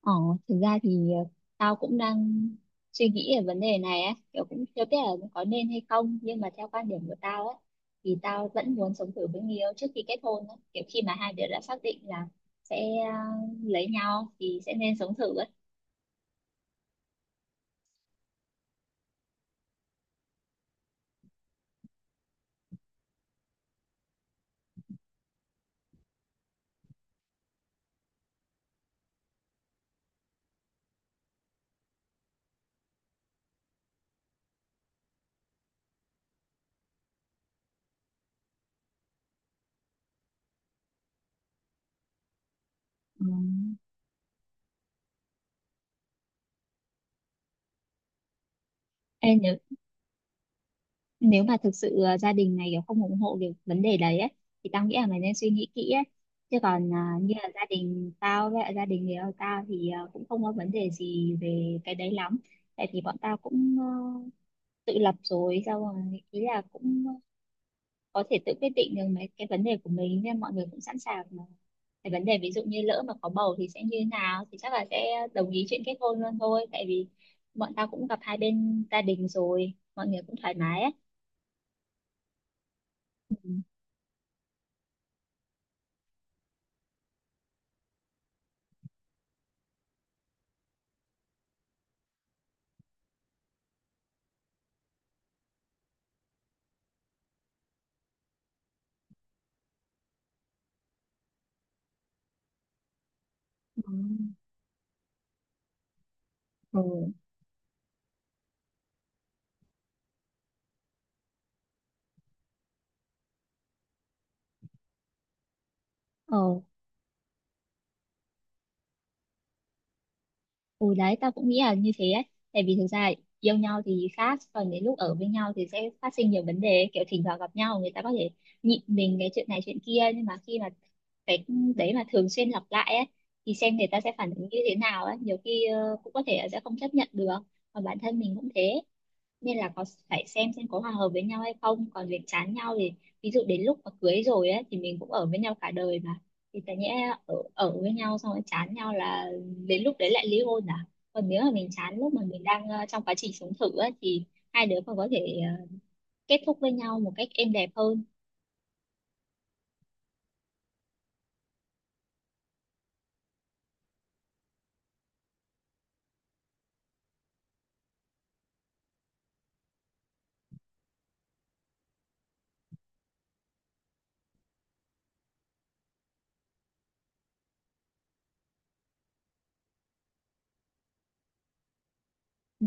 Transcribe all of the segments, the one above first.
Ờ, Thực ra thì tao cũng đang suy nghĩ về vấn đề này á, kiểu cũng chưa biết là có nên hay không, nhưng mà theo quan điểm của tao á, thì tao vẫn muốn sống thử với người yêu trước khi kết hôn á, kiểu khi mà hai đứa đã xác định là sẽ ờ, lấy nhau thì sẽ nên sống thử á. Ừ. Ê, nếu nếu mà thực sự gia đình này kiểu không ủng hộ cái vấn đề đấy ấy, thì tao nghĩ là mày nên suy nghĩ kỹ ấy, chứ còn như là gia đình tao với lại gia đình người yêu tao thì cũng không có vấn đề gì về cái đấy lắm, tại vì bọn tao cũng tự lập rồi, xong rồi ý là cũng có thể tự quyết định được mấy cái vấn đề của mình nên mọi người cũng sẵn sàng mà. Cái vấn đề ví dụ như lỡ mà có bầu thì sẽ như thế nào thì chắc là sẽ đồng ý chuyện kết hôn luôn thôi, tại vì bọn tao cũng gặp hai bên gia đình rồi, mọi người cũng thoải mái ấy. Ừ. Ừ, ờ ừ, đấy tao cũng nghĩ là như thế ấy, tại vì thực ra yêu nhau thì khác, còn đến lúc ở với nhau thì sẽ phát sinh nhiều vấn đề, kiểu thỉnh thoảng gặp nhau người ta có thể nhịn mình cái chuyện này chuyện kia, nhưng mà khi mà cái đấy mà thường xuyên lặp lại ấy thì xem người ta sẽ phản ứng như thế nào ấy, nhiều khi cũng có thể là sẽ không chấp nhận được, và bản thân mình cũng thế. Nên là có phải xem có hòa hợp với nhau hay không, còn việc chán nhau thì ví dụ đến lúc mà cưới rồi ấy, thì mình cũng ở với nhau cả đời mà, thì tại nhẽ ở với nhau xong rồi chán nhau là đến lúc đấy lại ly hôn à? Còn nếu mà mình chán lúc mà mình đang trong quá trình sống thử ấy, thì hai đứa còn có thể kết thúc với nhau một cách êm đẹp hơn. Ừ,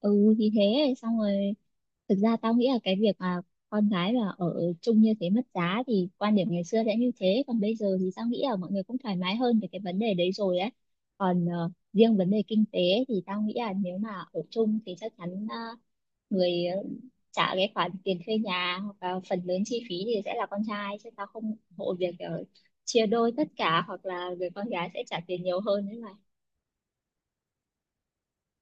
ừ thì thế xong rồi. Thực ra tao nghĩ là cái việc mà con gái mà ở chung như thế mất giá thì quan điểm ngày xưa sẽ như thế, còn bây giờ thì tao nghĩ là mọi người cũng thoải mái hơn về cái vấn đề đấy rồi ấy. Còn riêng vấn đề kinh tế thì tao nghĩ là nếu mà ở chung thì chắc chắn người trả cái khoản tiền thuê nhà hoặc là phần lớn chi phí thì sẽ là con trai, chứ tao không ủng hộ việc chia đôi tất cả hoặc là người con gái sẽ trả tiền nhiều hơn đấy mà.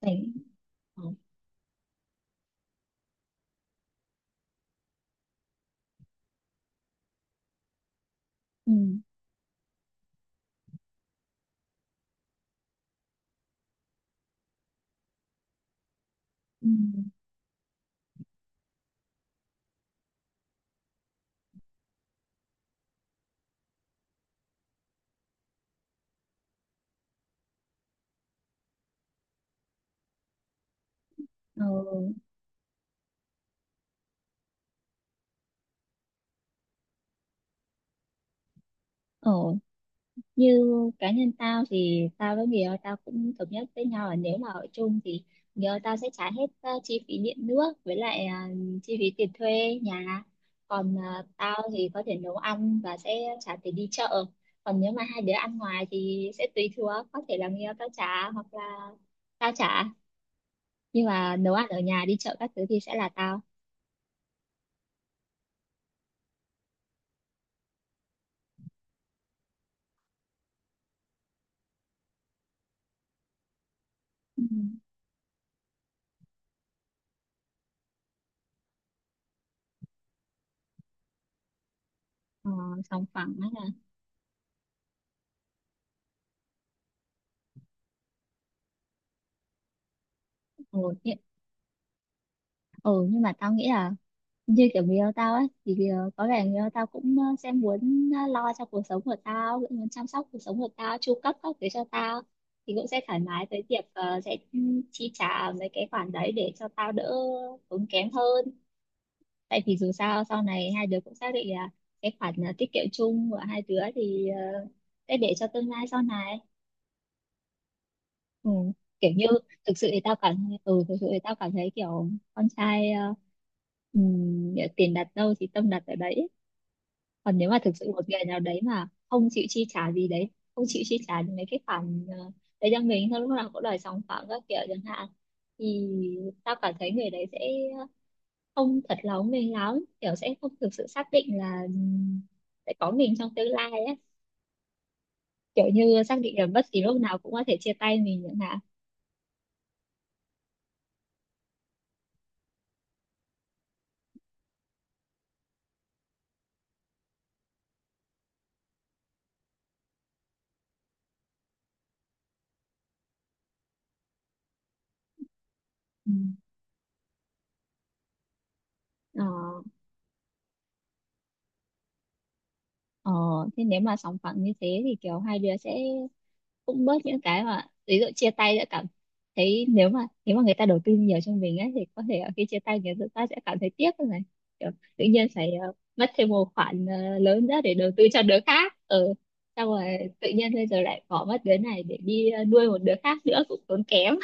Đấy. Ừ. Ừ. Ừ. Ờ. Ờ. Như cá nhân tao thì tao với người yêu tao cũng thống nhất với nhau là nếu mà ở chung thì người yêu tao sẽ trả hết chi phí điện nước với lại chi phí tiền thuê nhà, còn tao thì có thể nấu ăn và sẽ trả tiền đi chợ. Còn nếu mà hai đứa ăn ngoài thì sẽ tùy thuộc, có thể là người yêu tao trả hoặc là tao trả, nhưng mà nấu ăn ở nhà đi chợ các thứ thì sẽ là tao. Ừ. ờ, Sòng phẳng ấy là. Ừ, nhưng- ừ, nhưng mà tao nghĩ là như kiểu người yêu tao ấy thì có vẻ người yêu tao cũng sẽ muốn lo cho cuộc sống của tao, cũng muốn chăm sóc cuộc sống của tao chu cấp các thứ cho tao, thì cũng sẽ thoải mái với việc sẽ chi trả mấy cái khoản đấy để cho tao đỡ tốn kém hơn, tại vì dù sao sau này hai đứa cũng xác định là cái khoản tiết kiệm chung của hai đứa thì sẽ để cho tương lai sau này. Ừ. Kiểu như thực sự thì tao cảm thực sự thì tao cảm thấy kiểu con trai tiền đặt đâu thì tâm đặt ở đấy. Còn nếu mà thực sự một người nào đấy mà không chịu chi trả gì đấy, không chịu chi trả những mấy cái khoản đấy cho mình, thôi lúc nào cũng đòi sòng phẳng các kiểu chẳng hạn, thì tao cảm thấy người đấy sẽ không thật lòng mình lắm, kiểu sẽ không thực sự xác định là sẽ có mình trong tương lai ấy, kiểu như xác định là bất kỳ lúc nào cũng có thể chia tay mình chẳng hạn. Ừ. ờ, ờ, Thế nếu mà sòng phẳng như thế thì kiểu hai đứa sẽ cũng bớt những cái mà ví dụ chia tay sẽ cảm thấy, nếu mà người ta đầu tư nhiều cho mình ấy thì có thể là khi chia tay người ta sẽ cảm thấy tiếc thôi này, kiểu tự nhiên phải mất thêm một khoản lớn ra để đầu tư cho đứa khác. Ừ. Xong rồi tự nhiên bây giờ lại bỏ mất đứa này để đi nuôi một đứa khác nữa cũng tốn kém.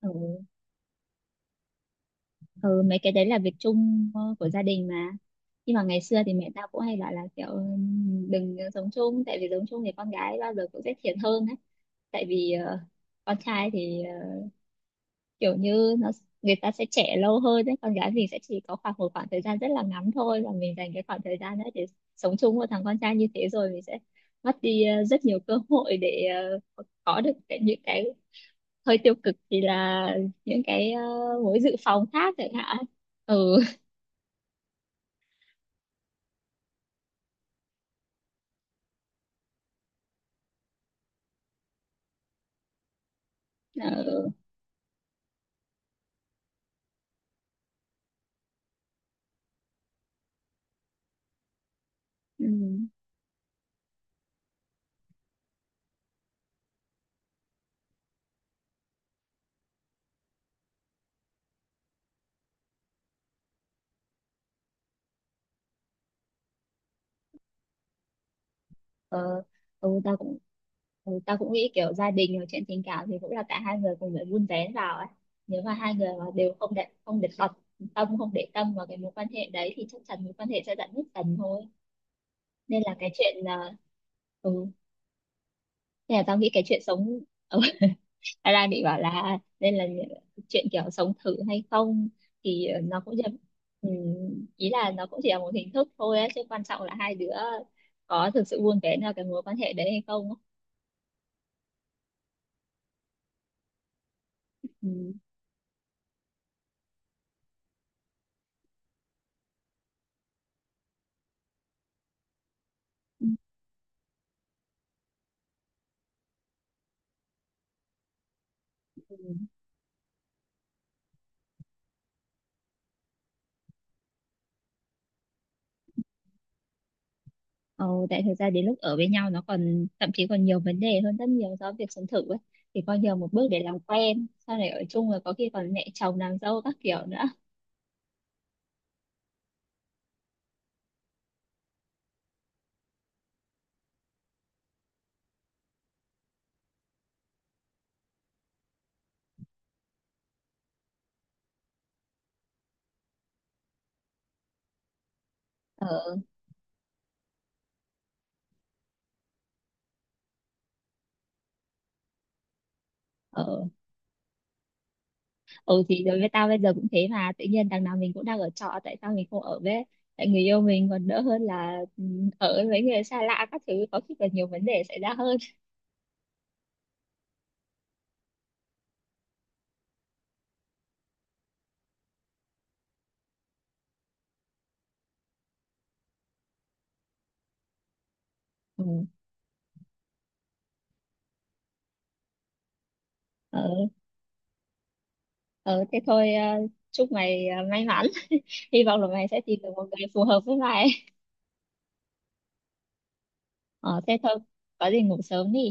Ừ, ừ mấy cái đấy là việc chung của gia đình mà. Nhưng mà ngày xưa thì mẹ tao cũng hay bảo là kiểu đừng sống chung, tại vì sống chung thì con gái bao giờ cũng sẽ thiệt hơn ấy, tại vì con trai thì kiểu như nó người ta sẽ trẻ lâu hơn đấy, con gái mình sẽ chỉ có khoảng một khoảng thời gian rất là ngắn thôi, và mình dành cái khoảng thời gian đấy để sống chung với thằng con trai như thế rồi mình sẽ mất đi rất nhiều cơ hội để có được cái, những cái hơi tiêu cực thì là những cái mối dự phòng khác chẳng hạn. Ừ, ừ. Ừ. Ờ, ừ, tao cũng Ừ, tao cũng nghĩ kiểu gia đình hoặc chuyện tình cảm thì cũng là cả hai người cùng phải vun vén vào ấy. Nếu mà hai người mà đều không để không để bật tâm không để tâm vào cái mối quan hệ đấy thì chắc chắn mối quan hệ sẽ dạn nứt dần thôi. Nên là cái chuyện à, ừ, Nên là tao nghĩ cái chuyện sống ừ, ra bị bảo là nên là chuyện kiểu sống thử hay không thì nó cũng chỉ, ừ, ý là nó cũng chỉ là một hình thức thôi ấy, chứ quan trọng là hai đứa có thực sự vun vén vào cái mối quan hệ đấy hay không ấy. Ừ. Ừ. Ờ, Tại thực ra đến lúc ở với nhau nó còn thậm chí còn nhiều vấn đề hơn rất nhiều so với việc sống thử ấy. Thì coi như là một bước để làm quen, sau này ở chung rồi có khi còn mẹ chồng nàng dâu các kiểu nữa. Ờ, ờ, ừ thì đối với tao bây giờ cũng thế mà, tự nhiên đằng nào mình cũng đang ở trọ, tại sao mình không ở với tại người yêu mình còn đỡ hơn là ở với mấy người xa lạ các thứ có khi còn nhiều vấn đề xảy ra hơn. Ừ, ờ, ờ, thế thôi, chúc mày may mắn, hy vọng là mày sẽ tìm được một người phù hợp với mày. Ờ, Thế thôi, có gì ngủ sớm đi.